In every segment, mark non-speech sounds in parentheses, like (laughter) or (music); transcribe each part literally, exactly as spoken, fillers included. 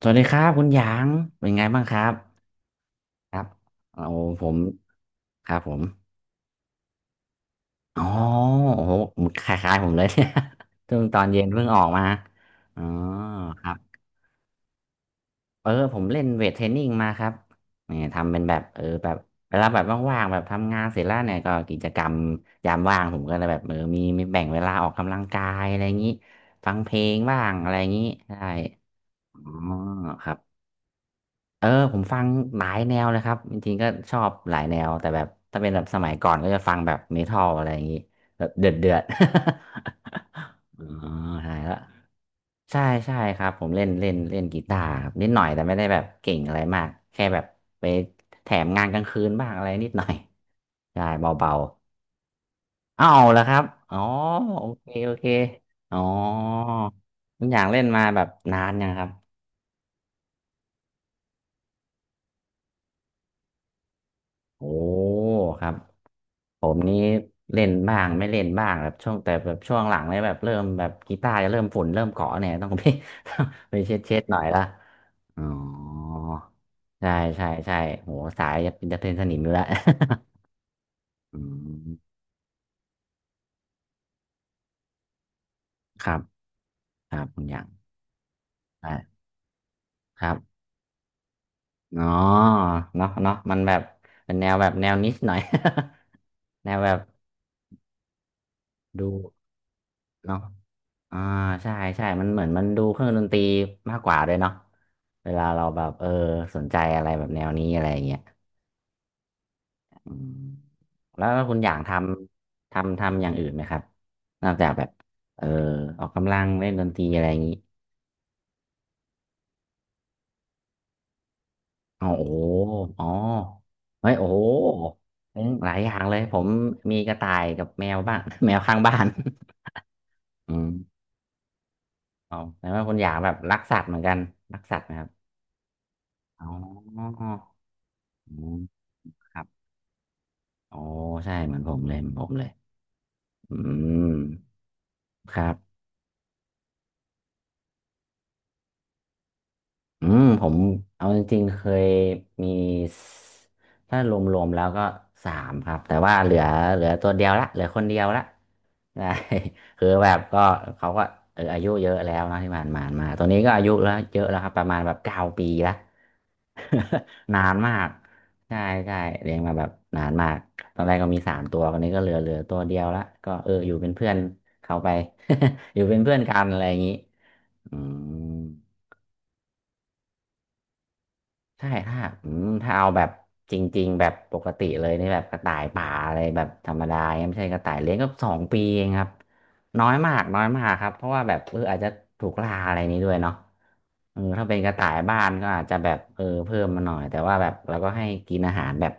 สวัสดีครับคุณหยางเป็นไงบ้างครับครับโอ้ผมครับผมอ๋อโอ้โหคล้ายๆผมเลย (laughs) เนี่ย (laughs) เพ่งตอนเย็นเพิ่งออกมาอ๋อครับเออผมเล่นเวทเทรนนิ่งมาครับเนี่ยทำเป็นแบบเออแบบเวลาแบบว่างๆแบบทำงานเสร็จแล้วเนี่ยก็กิจกรรมยามว่างผมก็เลยแบบเออมีมีแบ่งเวลาออกกำลังกายอะไรอย่างนี้ฟังเพลงบ้างอะไรอย่างนี้ใช่อ๋อครับ เออผมฟังหลายแนวเลยครับจริงๆก็ชอบหลายแนวแต่แบบถ้าเป็นแบบสมัยก่อนก็จะฟังแบบเมทัลอะไรอย่างงี้แบบเดือดเดือด (laughs) อ๋อใช่แล้วใช่ใช่ครับผมเล่นเล่นเล่นกีตาร์ครับนิดหน่อยแต่ไม่ได้แบบเก่งอะไรมากแค่แบบไปแถมงานกลางคืนบ้างอะไรนิดหน่อย (laughs) ใช่เบาๆอ้าวแล้วครับอ๋อโอเคโอเคอ๋อคุณอย่างเล่นมาแบบนานยังครับโอ้ครับ ผมนี้เล่นบ้างไม่เล่นบ้างแบบช่วงแต่แบบช่วงหลังเนี่ยแบบเริ่มแบบกีตาร์จะเริ่มฝุ่นเริ่มเกาะเนี่ยต้องไป (laughs) ไปเช็ดเช็ดหน่อยละอ๋อใช่ใช่ใช่โหสายจะเป็นจะเป็นสนิมอยู่แล้ว (laughs) อืมครับครับคุณอย่างได้ครับอ๋อเนาะเนาะมันแบบเป็นแนวแบบแนวนิชหน่อย (laughs) แนวแบบดูเนาะ อ่าใช่ใช่มันเหมือนมันดูเครื่องดนตรีมากกว่าเลยเนาะเวลาเราแบบเออสนใจอะไรแบบแนวนี้อะไรอย่างเงี้ยอืมแล้วแล้วคุณอย่างทำทำทำอย่างอื่นไหมครับนอกจากแบบเออออกกำลังเล่นดนตรีอะไรอย่างนี้อ๋อโอ้โหอ๋อเฮ้ยโอ้โหเป็นหลายอย่างเลยผมมีกระต่ายกับแมวบ้าง (laughs) แมวข้างบ้าน (laughs) อืมเอาแต่ว่าคุณอย่างแบบรักสัตว์เหมือนกันรักสัตว์ไหมครับอ๋ออืมครับ อ๋อใช่เหมือนผมเลยเหมือนผมเลยอืมครับ อืมผมเอาจริงๆเคยมีสถ้ารวมๆแล้วก็สามครับแต่ว่าเหลือเหลือตัวเดียวละเหลือคนเดียวละได้ (laughs) คือแบบก็เขาก็เอออายุเยอะแล้วเนอะที่ผ่านมามาตัวนี้ก็อายุแล้วเยอะแล้วครับประมาณแบบเก้าปีละ (laughs) นานมากใช่ใช่เลี้ยงมาแบบนานมากตอนแรกก็มีสามตัวตอนนี้ก็เหลือเหลือตัวเดียวละก็เอออยู่เป็นเพื่อนเขาไป (laughs) อยู่เป็นเพื่อนกันอะไรอย่างนี้อืม ใช่ถ้าอืมถ้าเอาแบบจริงๆแบบปกติเลยนี่แบบกระต่ายป่าอะไรแบบธรรมดาไม่ใช่กระต่ายเลี้ยงก็สองปีเองครับน้อยมากน้อยมากครับเพราะว่าแบบเอออาจจะถูกล่าอะไรนี้ด้วยเนาะเออถ้าเป็นกระต่ายบ้านก็อาจจะแบบเออเพิ่มมาหน่อยแต่ว่าแบบเราก็ให้กินอาหารแบบ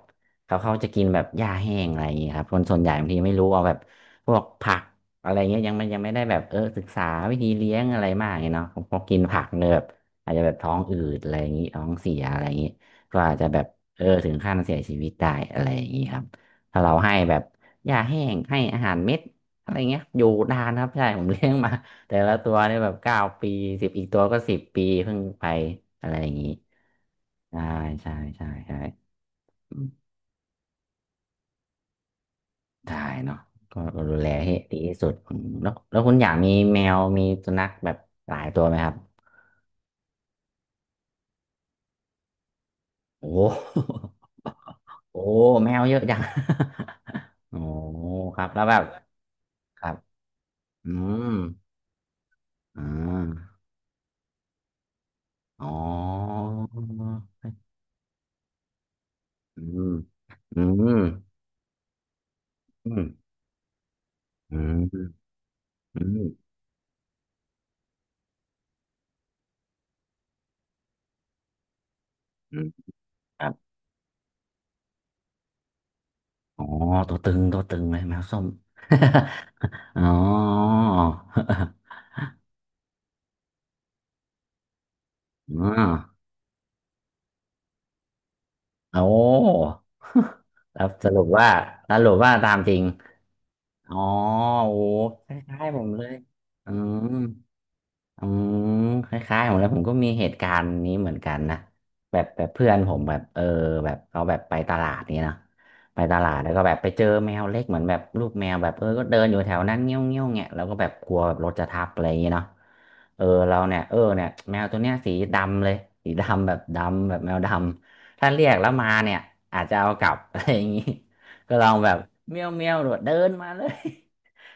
เขาเขาจะกินแบบหญ้าแห้งอะไรอย่างเงี้ยครับคนส่วนใหญ่บางทีไม่รู้เอาแบบพวกผักอะไรเงี้ยยังไม่ยังไม่ได้แบบเออศึกษาวิธีเลี้ยงอะไรมากเนาะพอกินผักเนี่ยแบบ อาจจะแบบท้องอืดอะไรอย่างนี้ท้องเสียอะไรอย่างนี้ก็อาจจะแบบเออถึงขั้นเสียชีวิตได้อะไรอย่างนี้ครับถ้าเราให้แบบหญ้าแห้งให้อาหารเม็ดอะไรเงี้ยอยู่นานครับใช่ผมเลี้ยงมาแต่ละตัวเนี่ยแบบเก้าปีสิบอีกตัวก็สิบปีเพิ่งไปอะไรอย่างนี้ใช่ใช่ใช่ใช่อได้เนาะก็ดูแลให้ดีที่สุดอืมแล้วแล้วคุณอยากมีแมวมีสุนัขแบบหลายตัวไหมครับโอ้โห (laughs) โอ้แมวเยอะจัง (laughs) โอ้ครับแล้วแบบครับอืมอ่าอ๋ออืมอืมอืมอืมอืมอืมครับอ๋อตัวตึงตัวตึงเลยแมวส้ม (laughs) อ๋อ (laughs) อ๋อโอ้ (laughs) แล้วสรุปว่าสรุปว่าตามจริงอ๋อโอ้คล้ายๆผมเลยอืม อืมคล้ายๆผมแล้วผมก็มีเหตุการณ์นี้เหมือนกันนะแบบแบบเพื่อนผมแบบเออแบบเขาแบบไปตลาดนี่เนาะไปตลาดแล้วก็แบบไปเจอแมวเล็กเหมือนแบบลูกแมวแบบเออก็เดินอยู่แถวนั้นเงี้ยวเงี้ยวเงี้ยแล้วก็แบบกลัวแบบรถจะทับอะไรอย่างเงี้ยเนาะเออเราเนี่ยเออเนี่ยแมวตัวเนี้ยสีดำเลยสีดำแบบดำแบบแมวดำถ้าเรียกแล้วมาเนี่ยอาจจะเอากลับ (laughs) อะไรอย่างงี้ก็ลองแบบเมี้ยวเมี้ยวเดินมาเลย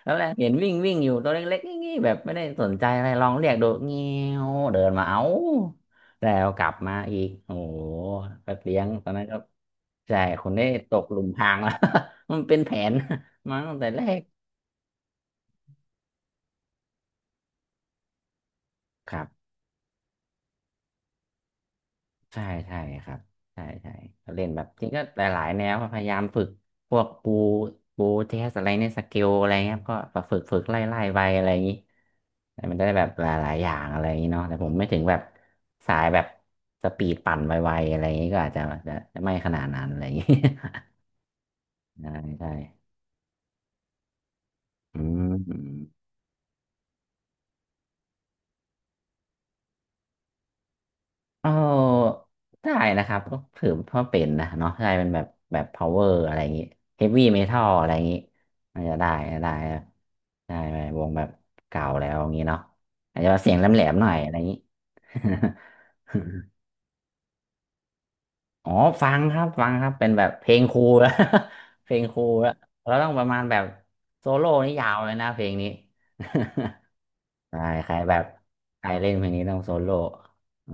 แล้วแรกเห็นวิ่งวิ่งอยู่ตัวเล็กๆงี้ๆแบบไม่ได้สนใจอะไรลองเรียกโดดเงี้ยวเดินมาเอาแล้วกลับมาอีกโอ้โหก็เลี้ยงตอนนั้นก็ใช่คนได้ตกหลุมพรางแล้ว (laughs) มันเป็นแผน (laughs) มาตั้งแต่แรกครับ ใช่ใช่ครับใช่ใช่ก็เล่นแบบจริงก็หลายๆแนวครับพยายามฝึกพวกปูปูเทสอะไรเนี่ยสเกลอะไรเงี้ยครับก็แบบฝึกฝึกไล่ไล่ไปอะไรอย่างนี้แต่มันได้แบบหลายๆอย่างอะไรอย่างนี้เนาะแต่ผมไม่ถึงแบบสายแบบสปีดปั่นไวๆอะไรอย่างนี้ก็อาจจะจะจะไม่ขนาดนั้นอะไรอย่างนี้ (laughs) ใช่ใช่อืม เออได้นะครับก็ถือว่าเป็นนะเนาะใช่เป็นแบบแบบ power อะไรอย่างงี้ heavy metal อะไรอย่างงี้มันาจะได้ได้ได้ไปวงแบบเก่าแล้วอย่างงี้เนาะอาจจะเสียงแหลมๆหน่อยอะไรอย่างงี้ (laughs) อ๋อฟังครับฟังครับเป็นแบบเพลงครูแล้ว (laughs) เพลงครูแล้วเราต้องประมาณแบบโซโล่นี่ยาวเลยนะเพลงนี้ (laughs) ใช่ใครแบบใครเล่นเพลงนี้ต้องโซโล่อ๋อ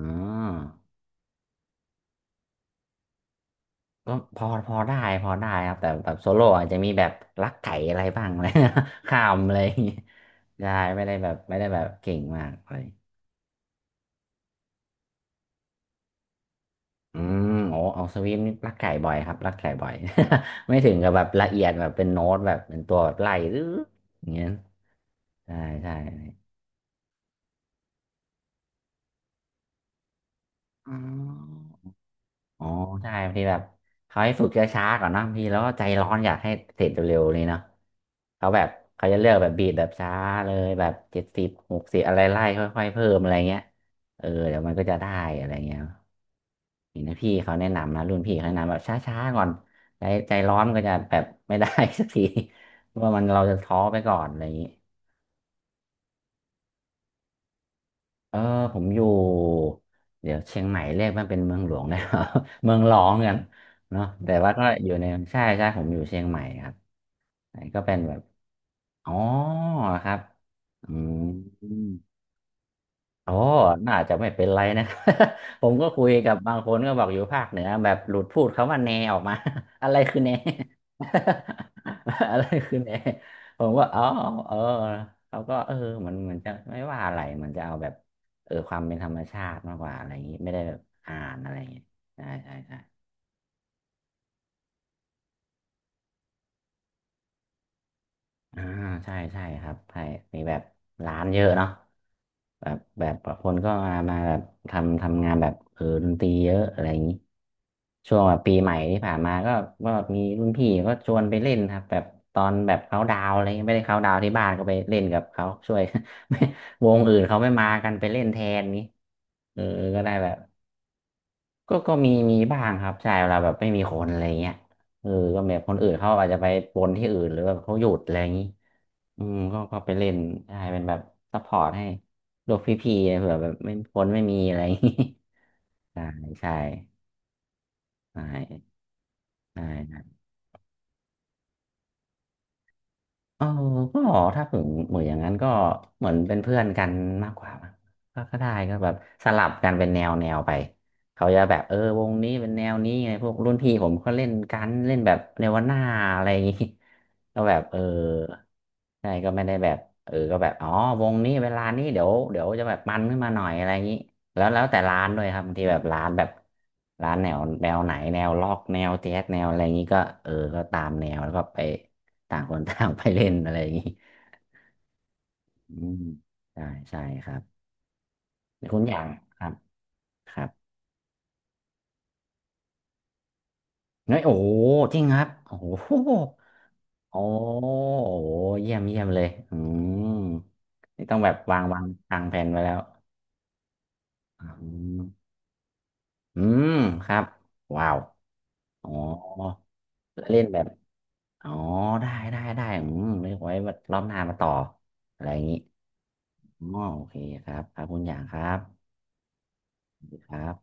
ก็พอพอได้พอได้ครับแต่แบบโซโล่อาจจะมีแบบลักไก่อะไรบ้างเลย (laughs) ข้ามอะไรอย่างเงี้ยได้ไม่ได้แบบไม่ได้แบบเก่งมากเลยอืมโอ้เอาสวิมนี่ลักไก่บ่อยครับลักไก่บ่อย (laughs) ไม่ถึงกับแบบละเอียดแบบเป็นโน้ตแบบเป็นตัวแบบไล่หรืออย่างเงี้ยใช่ใช่อ๋อ อ๋อใช่บางทีแบบเขาให้ฝึกช้าๆก่อนนะบางทีแล้วก็ใจร้อนอยากให้เสร็จเร็วๆเลยเนาะเขาแบบเขาจะเลือกแบบบีทแบบช้าเลยแบบเจ็ดสิบหกสิบอะไรไล่ค่อยๆเพิ่มอะไรเงี้ยเออเดี๋ยวมันก็จะได้อะไรเงี้ยเห็นนะพี่เขาแนะนำนะรุ่นพี่เขาแนะนำแบบช้าๆก่อนใจใจร้อนมันก็จะแบบไม่ได้ (laughs) สักทีเพราะว่ามันเราจะท้อไปก่อนอะไรอย่างนี้ เออผมอยู่เดี๋ยวเชียงใหม่เรียกมันเป็นเมืองหลวงได้เหรอ (laughs) เมืองรองกันเนาะแต่ว่าก็อยู่ในใช่ใช่ผมอยู่เชียงใหม่ครับไหนก็เป็นแบบอ๋อครับอืม อ๋อน่าจะไม่เป็นไรนะ (laughs) ผมก็คุยกับบางคนก็บอกอยู่ภาคเหนือแบบหลุดพูดคำว่าแนออกมา (laughs) อะไรคือแน (laughs) อะไรคือแนผมว่าอ๋อเออเขาก็เออมันมันจะไม่ว่าอะไรมันจะเอาแบบเออความเป็นธรรมชาติมากกว่าอะไรอย่างนี้ไม่ได้แบบอ่านอะไรอย่างนี้ใช่ใช่ใช่ อ่าใช่ใช่ครับใช่มีแบบร้านเยอะเนาะแบบแบบคนก็มามาแบบทำทำงานแบบเออดนตรีเยอะอะไรอย่างนี้ช่วงแบบปีใหม่ที่ผ่านมาก็ก็มีรุ่นพี่ก็ชวนไปเล่นครับแบบตอนแบบเขาดาวน์อะไรเงี้ยไม่ได้เขาดาวน์ที่บ้านก็ไปเล่นกับเขาช่วย (laughs) ไม่วงอื่นเขาไม่มากันไปเล่นแทนนี้เออก็ได้แบบก็ก็มีมีบ้างครับใช่เวลาแบบไม่มีคนอะไรเงี้ยเออก็แบบคนอื่นเขาอาจจะไปปนที่อื่นหรือแบบเขาหยุดอะไรอย่างนี้ อืมก็ก็ไปเล่นใช่เป็นแบบซัพพอร์ตให้โลกพี่ๆเผื่อแบบไม่พ้นไม่มีอะไรอย่างงี้ (laughs) ใช่ใช่ใช่ใช่ เออก็ถ้าถึงเหมือนอย่างนั้นก็เหมือนเป็นเพื่อนกันมากกว่ามั้งก็ก็ได้ก็แบบสลับกันเป็นแนวแนวไปเขาจะแบบเออวงนี้เป็นแนวนี้ไงพวกรุ่นพี่ผมก็เล่นกันเล่นแบบเนวาน่าอะไรอย่างงี้ (laughs) ก็แบบเออใช่ก็ไม่ได้แบบเออก็แบบอ๋อวงนี้เวลานี้เดี๋ยวเดี๋ยวจะแบบมันขึ้นมาหน่อยอะไรอย่างงี้แล้วแล้วแต่ร้านด้วยครับบางทีแบบร้านแบบร้านแนวแนวไหนแนวล็อกแนวแจ๊สแนวอะไรอย่างนี้ก็เออก็ตามแนวแล้วก็ไป ต่างคนต่างไปเล่นอะไรอย่างนี้อืมใช่ใช่ครับคุณอย่างครับครับเฮ้ยโอ้โหจริงครับโอ้โหโอ้โหเยี่ยมเยี่ยมเลยอืมนี่ต้องแบบวางวางทางแผนไว้แล้วอืมอืมครับว้าวอ๋อแล้วเล่นแบบอ๋อได้ได้ได้อืมไม่ไว้แบบรอบหน้ามาต่ออะไรอย่างนี้อ๋อโอเคครับครับคุณอย่างครับครับ